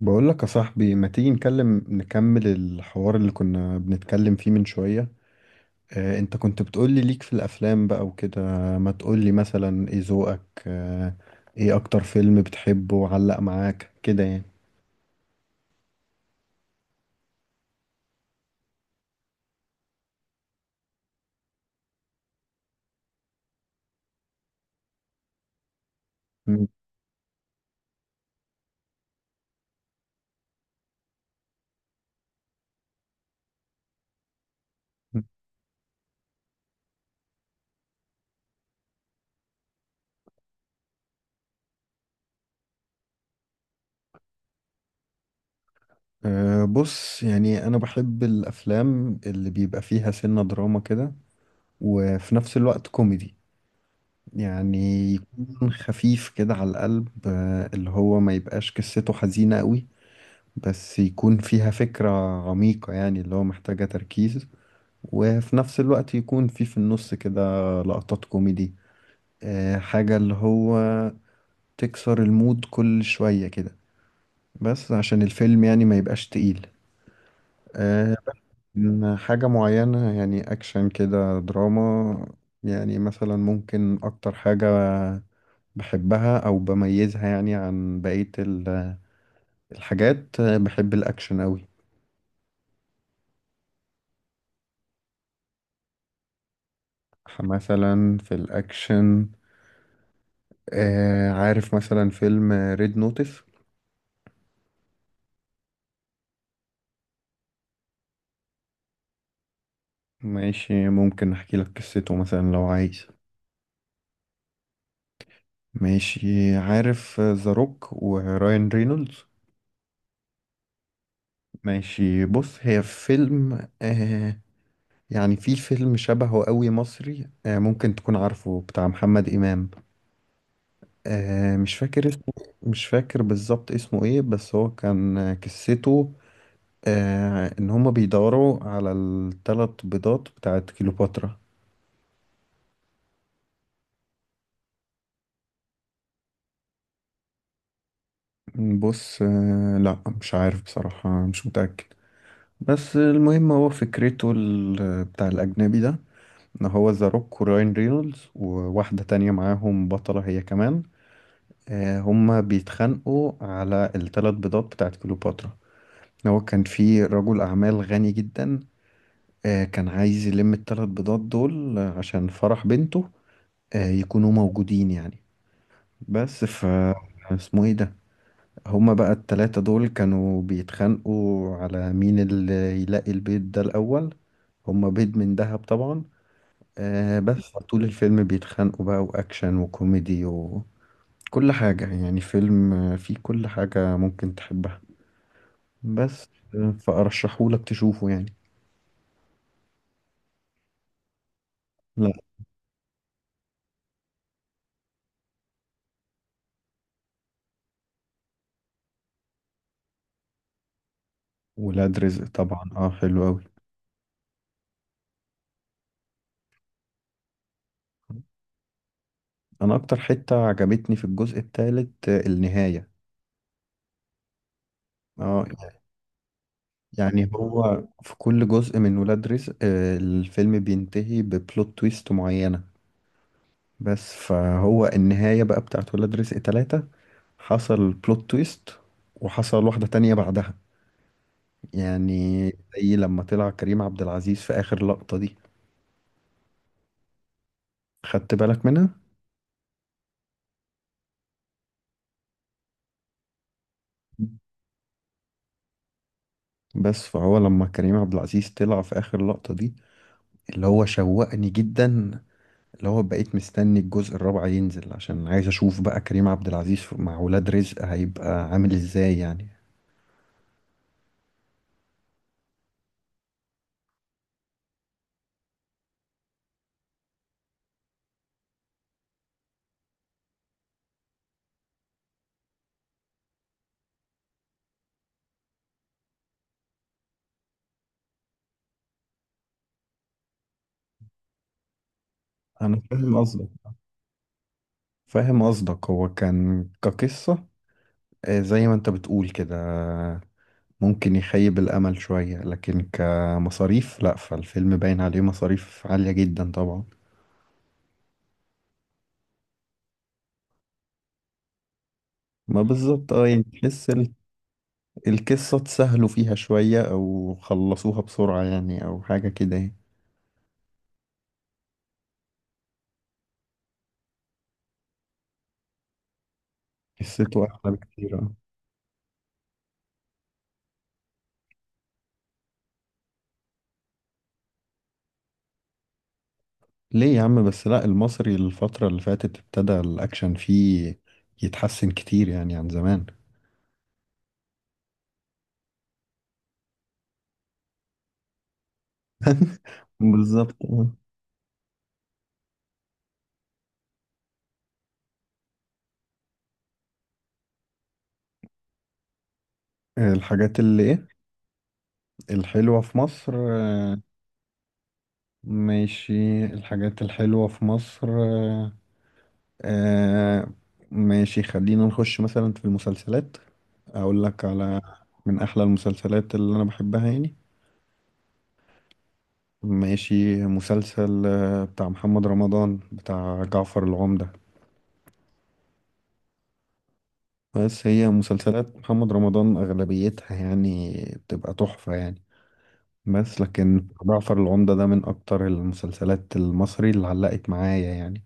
بقول لك يا صاحبي، ما تيجي نكمل الحوار اللي كنا بنتكلم فيه من شوية؟ انت كنت بتقول لي ليك في الافلام بقى وكده. ما تقول لي مثلا ايه ذوقك؟ آه. ايه اكتر فيلم بتحبه وعلق معاك كده يعني؟ مم. بص، يعني انا بحب الافلام اللي بيبقى فيها سنة دراما كده، وفي نفس الوقت كوميدي، يعني يكون خفيف كده على القلب، اللي هو ما يبقاش قصته حزينة قوي، بس يكون فيها فكرة عميقة يعني، اللي هو محتاجة تركيز، وفي نفس الوقت يكون في النص كده لقطات كوميدي، حاجة اللي هو تكسر المود كل شوية كده، بس عشان الفيلم يعني ما يبقاش تقيل. آه، إن حاجة معينة يعني أكشن كده دراما، يعني مثلا ممكن أكتر حاجة بحبها أو بميزها يعني عن بقية الحاجات. بحب الأكشن أوي. مثلا في الأكشن، عارف مثلا فيلم ريد نوتس؟ ماشي، ممكن احكي لك قصته مثلا لو عايز. ماشي، عارف ذا روك وراين رينولدز؟ ماشي، بص، هي فيلم يعني في فيلم شبهه قوي مصري، ممكن تكون عارفه، بتاع محمد إمام، مش فاكر اسمه. مش فاكر بالظبط اسمه ايه، بس هو كان، قصته ان هما بيدوروا على الثلاث بيضات بتاعت كليوباترا. بص، لا مش عارف بصراحة، مش متأكد. بس المهم، هو فكرته بتاع الأجنبي ده، إن هو ذا روك وراين رينولدز وواحدة تانية معاهم بطلة هي كمان، هما بيتخانقوا على الثلاث بيضات بتاعت كليوباترا. هو كان في رجل أعمال غني جدا، كان عايز يلم الثلاث بيضات دول عشان فرح بنته، يكونوا موجودين يعني. بس. اسمه ايه ده؟ هما بقى التلاتة دول كانوا بيتخانقوا على مين اللي يلاقي البيض ده الأول. هما بيض من دهب طبعا. بس طول الفيلم بيتخانقوا بقى، وأكشن وكوميدي وكل حاجة، يعني فيلم فيه كل حاجة ممكن تحبها، بس. فأرشحهولك تشوفه يعني. لا. ولاد رزق طبعا، اه حلو أوي. أنا أكتر حتة عجبتني في الجزء التالت النهاية. اه، يعني هو في كل جزء من ولاد رزق، الفيلم بينتهي ببلوت تويست معينة، بس فهو النهاية بقى بتاعت ولاد رزق تلاتة، حصل بلوت تويست وحصل واحدة تانية بعدها يعني، زي لما طلع كريم عبد العزيز في آخر لقطة دي. خدت بالك منها؟ بس فهو لما كريم عبد العزيز طلع في آخر لقطة دي، اللي هو شوقني جدا، اللي هو بقيت مستني الجزء الرابع ينزل عشان عايز اشوف بقى كريم عبد العزيز مع ولاد رزق هيبقى عامل ازاي يعني. انا فاهم قصدك. فاهم قصدك، هو كان كقصة، زي ما انت بتقول كده، ممكن يخيب الامل شوية، لكن كمصاريف لا، فالفيلم باين عليه مصاريف عالية جدا طبعا. ما بالظبط، اه يعني تحس القصة اتسهلوا فيها شوية او خلصوها بسرعة يعني، او حاجة كده يعني. قصته احلى بكتير. ليه يا عم بس؟ لا، المصري الفترة اللي فاتت ابتدى الأكشن فيه يتحسن كتير يعني عن زمان. بالظبط آه. الحاجات اللي إيه؟ الحلوة في مصر آه، ماشي. الحاجات الحلوة في مصر، آه، ماشي، خلينا نخش مثلا في المسلسلات، أقول لك على من أحلى المسلسلات اللي أنا بحبها يعني. ماشي، مسلسل بتاع محمد رمضان، بتاع جعفر العمدة. بس هي مسلسلات محمد رمضان أغلبيتها يعني بتبقى تحفة يعني، بس لكن جعفر العمدة ده من أكتر المسلسلات المصري اللي علقت معايا يعني.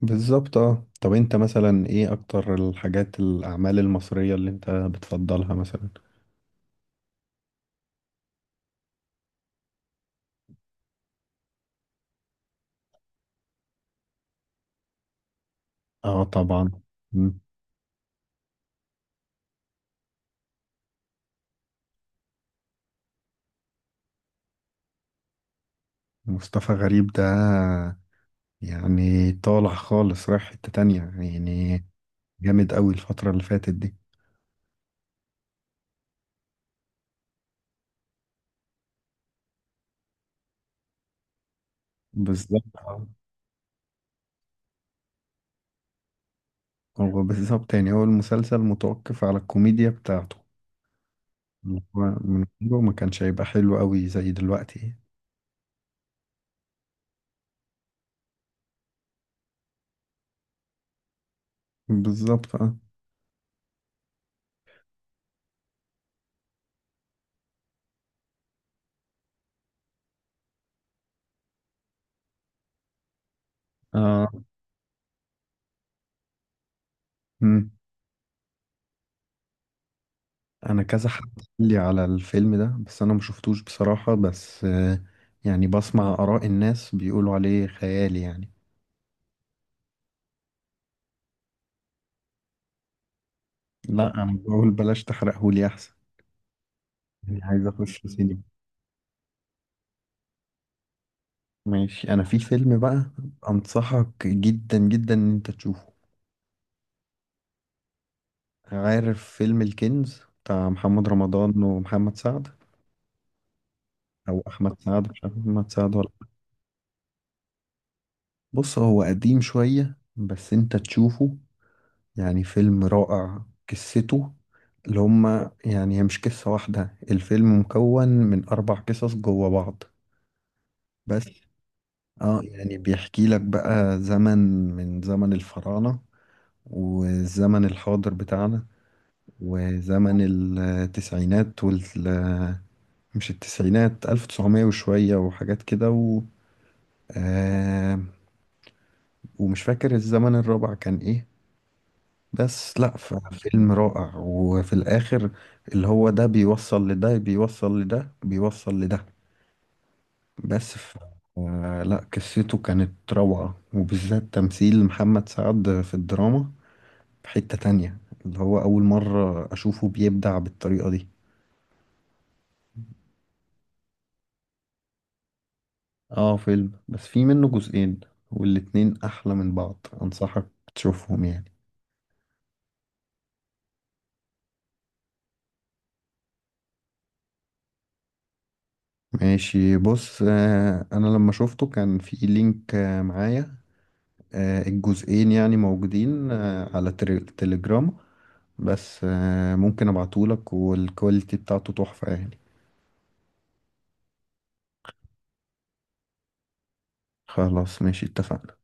بالظبط اه. طب انت مثلا ايه أكتر الحاجات الأعمال المصرية اللي انت بتفضلها مثلا؟ اه طبعا. مم. مصطفى غريب ده يعني طالع خالص، رايح حتة تانية يعني، جامد أوي الفترة اللي فاتت دي. بالظبط. هو بالظبط، يعني هو المسلسل متوقف على الكوميديا بتاعته، هو من جوه ما كانش هيبقى حلو قوي زي دلوقتي. بالظبط اه. آه، مم. انا كذا حد قال لي على الفيلم ده، بس انا ما شفتوش بصراحة، بس يعني بسمع آراء الناس بيقولوا عليه خيالي يعني. لا، انا بقول بلاش تحرقهولي احسن، يعني عايز اخش سينما. ماشي، انا في فيلم بقى انصحك جدا جدا ان انت تشوفه. عارف فيلم الكنز بتاع محمد رمضان ومحمد سعد، او احمد سعد، مش عارف احمد سعد ولا. بص، هو قديم شوية بس انت تشوفه يعني، فيلم رائع. قصته اللي هما يعني، هي مش قصة واحدة، الفيلم مكون من اربع قصص جوا بعض، بس. اه، يعني بيحكي لك بقى زمن، من زمن الفراعنة والزمن الحاضر بتاعنا، وزمن التسعينات مش التسعينات، 1900 وشوية وحاجات كده، و آه، ومش فاكر الزمن الرابع كان ايه. بس لا فيلم رائع، وفي الاخر اللي هو ده بيوصل لده بيوصل لده بيوصل لده، بس لا قصته كانت روعة، وبالذات تمثيل محمد سعد في الدراما في حتة تانية، اللي هو أول مرة أشوفه بيبدع بالطريقة دي. اه فيلم، بس في منه جزئين والاتنين أحلى من بعض، أنصحك تشوفهم يعني. ماشي، بص، أنا لما شفته كان في لينك معايا، الجزئين يعني موجودين على تليجرام، بس ممكن ابعتهولك والكواليتي بتاعته تحفة يعني. خلاص ماشي، اتفقنا.